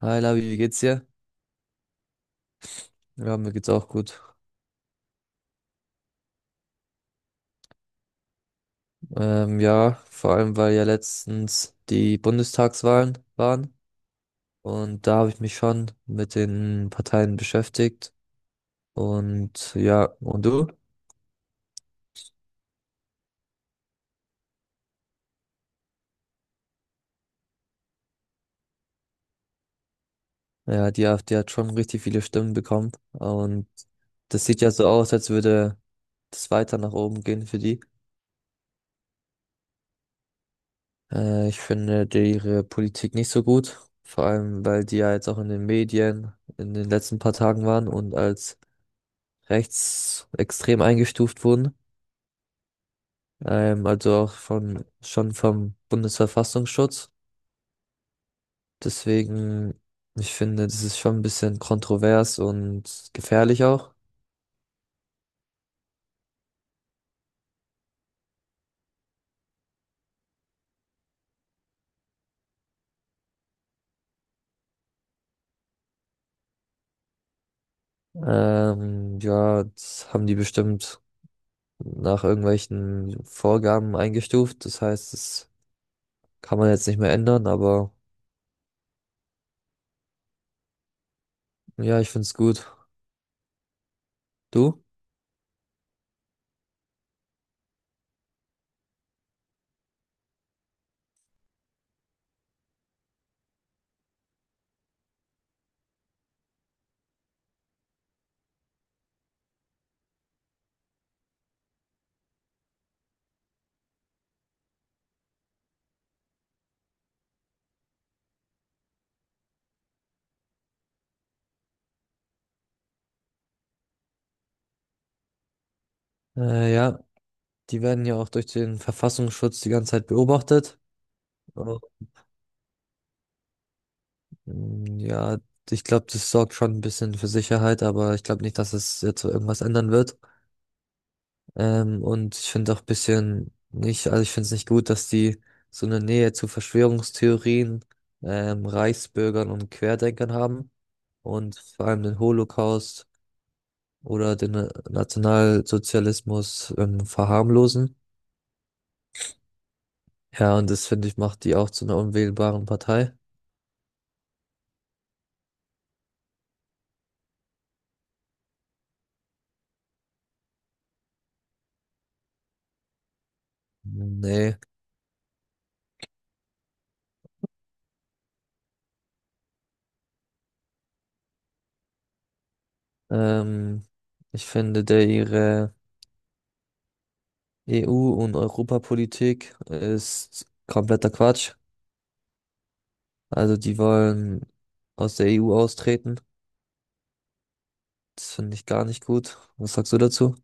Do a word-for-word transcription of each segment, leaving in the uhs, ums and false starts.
Hi Labi, wie geht's dir? Ja, mir geht's auch gut. Ähm, ja, vor allem weil ja letztens die Bundestagswahlen waren und da habe ich mich schon mit den Parteien beschäftigt. Und ja, und du? Ja, die AfD hat schon richtig viele Stimmen bekommen und das sieht ja so aus, als würde das weiter nach oben gehen für die. Äh, ich finde die- ihre Politik nicht so gut, vor allem weil die ja jetzt auch in den Medien in den letzten paar Tagen waren und als rechtsextrem eingestuft wurden. Ähm, also auch von, schon vom Bundesverfassungsschutz. Deswegen, ich finde, das ist schon ein bisschen kontrovers und gefährlich auch. Ähm, ja, das haben die bestimmt nach irgendwelchen Vorgaben eingestuft. Das heißt, das kann man jetzt nicht mehr ändern, aber ja, ich finde es gut. Du? Äh, ja, die werden ja auch durch den Verfassungsschutz die ganze Zeit beobachtet. Mm, Ja, ich glaube, das sorgt schon ein bisschen für Sicherheit, aber ich glaube nicht, dass es jetzt so irgendwas ändern wird. Ähm, und ich finde auch ein bisschen nicht, also ich finde es nicht gut, dass die so eine Nähe zu Verschwörungstheorien, ähm, Reichsbürgern und Querdenkern haben und vor allem den Holocaust oder den äh, Nationalsozialismus, ähm, verharmlosen. Ja, und das finde ich macht die auch zu einer unwählbaren Partei. Nee, ähm, ich finde, der ihre E U- und Europapolitik ist kompletter Quatsch. Also die wollen aus der E U austreten. Das finde ich gar nicht gut. Was sagst du dazu?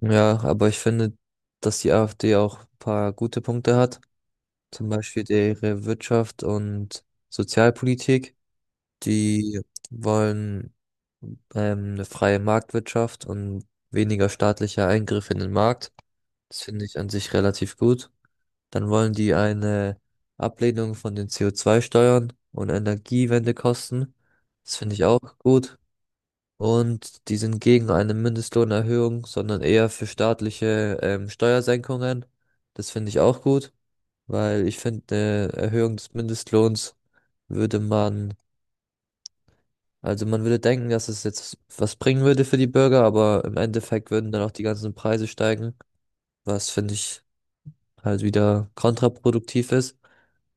Ja, aber ich finde, dass die AfD auch ein paar gute Punkte hat. Zum Beispiel ihre Wirtschaft und Sozialpolitik. Die wollen ähm, eine freie Marktwirtschaft und weniger staatlicher Eingriff in den Markt. Das finde ich an sich relativ gut. Dann wollen die eine Ablehnung von den C O zwei Steuern und Energiewende kosten. Das finde ich auch gut. Und die sind gegen eine Mindestlohnerhöhung, sondern eher für staatliche ähm, Steuersenkungen. Das finde ich auch gut, weil ich finde, eine Erhöhung des Mindestlohns würde man, also man würde denken, dass es jetzt was bringen würde für die Bürger, aber im Endeffekt würden dann auch die ganzen Preise steigen, was finde ich halt wieder kontraproduktiv ist.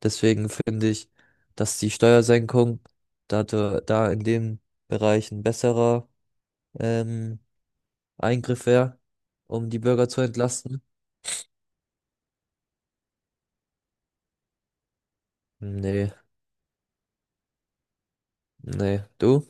Deswegen finde ich, dass die Steuersenkung da, da da in dem Bereich ein besserer ähm, Eingriff wäre, um die Bürger zu entlasten. Nee, nee, du?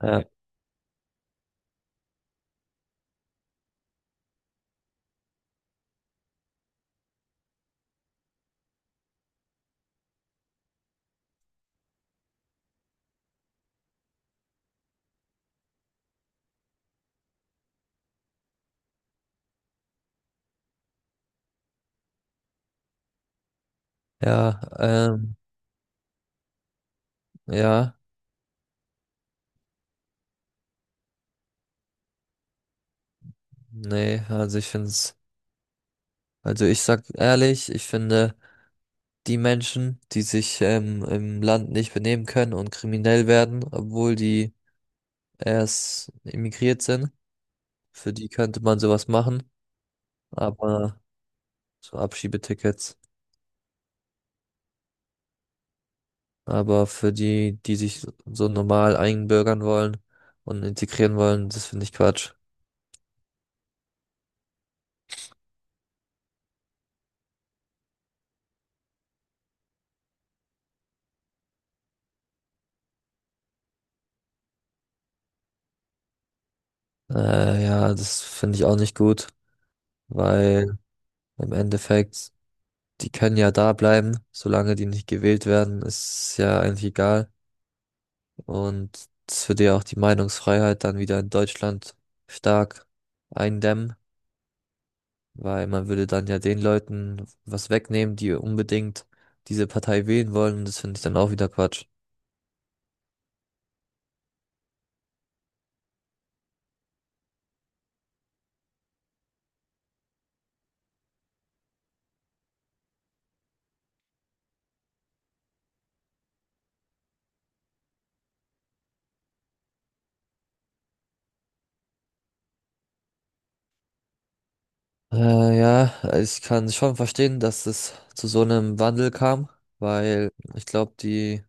Ja, ja, ähm, ja, nee, also ich finde es, also ich sag ehrlich, ich finde die Menschen, die sich ähm, im Land nicht benehmen können und kriminell werden, obwohl die erst emigriert sind, für die könnte man sowas machen, aber so Abschiebetickets. Aber für die, die sich so so normal einbürgern wollen und integrieren wollen, das finde ich Quatsch. Äh, ja, das finde ich auch nicht gut, weil im Endeffekt, die können ja da bleiben, solange die nicht gewählt werden, ist ja eigentlich egal. Und das würde ja auch die Meinungsfreiheit dann wieder in Deutschland stark eindämmen. Weil man würde dann ja den Leuten was wegnehmen, die unbedingt diese Partei wählen wollen. Und das finde ich dann auch wieder Quatsch. Äh, ja, ich kann schon verstehen, dass es zu so einem Wandel kam, weil ich glaube, die,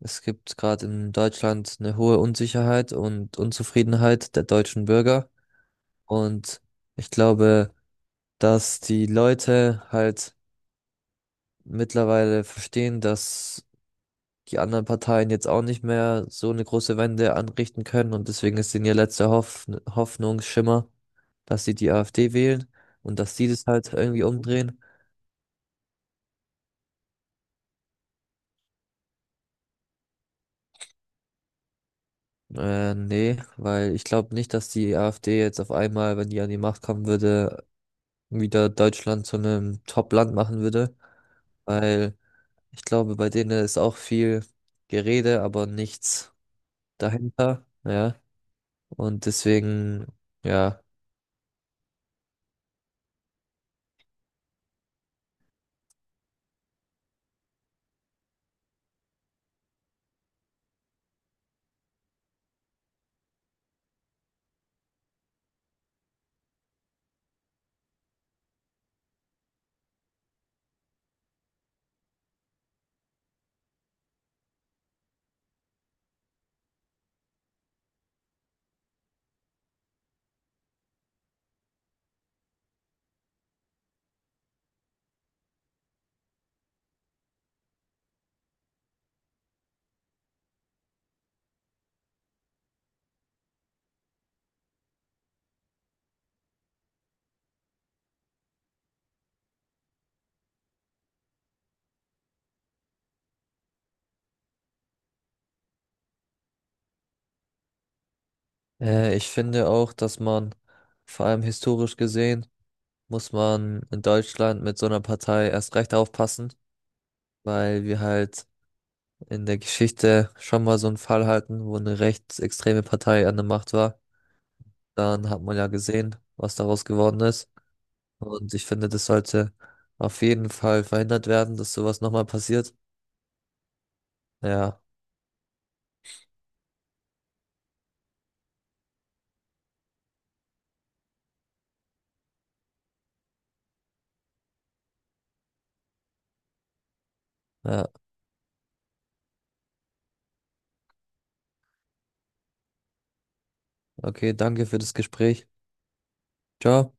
es gibt gerade in Deutschland eine hohe Unsicherheit und Unzufriedenheit der deutschen Bürger. Und ich glaube, dass die Leute halt mittlerweile verstehen, dass die anderen Parteien jetzt auch nicht mehr so eine große Wende anrichten können und deswegen ist denn ihr letzter Hoff Hoffnungsschimmer, dass sie die AfD wählen und dass die das halt irgendwie umdrehen. Äh, nee, weil ich glaube nicht, dass die AfD jetzt auf einmal, wenn die an die Macht kommen würde, wieder Deutschland zu einem Top-Land machen würde, weil ich glaube, bei denen ist auch viel Gerede, aber nichts dahinter, ja, und deswegen, ja. Äh, ich finde auch, dass man, vor allem historisch gesehen, muss man in Deutschland mit so einer Partei erst recht aufpassen, weil wir halt in der Geschichte schon mal so einen Fall hatten, wo eine rechtsextreme Partei an der Macht war. Dann hat man ja gesehen, was daraus geworden ist. Und ich finde, das sollte auf jeden Fall verhindert werden, dass sowas nochmal passiert. Ja, ja, okay, danke für das Gespräch. Ciao.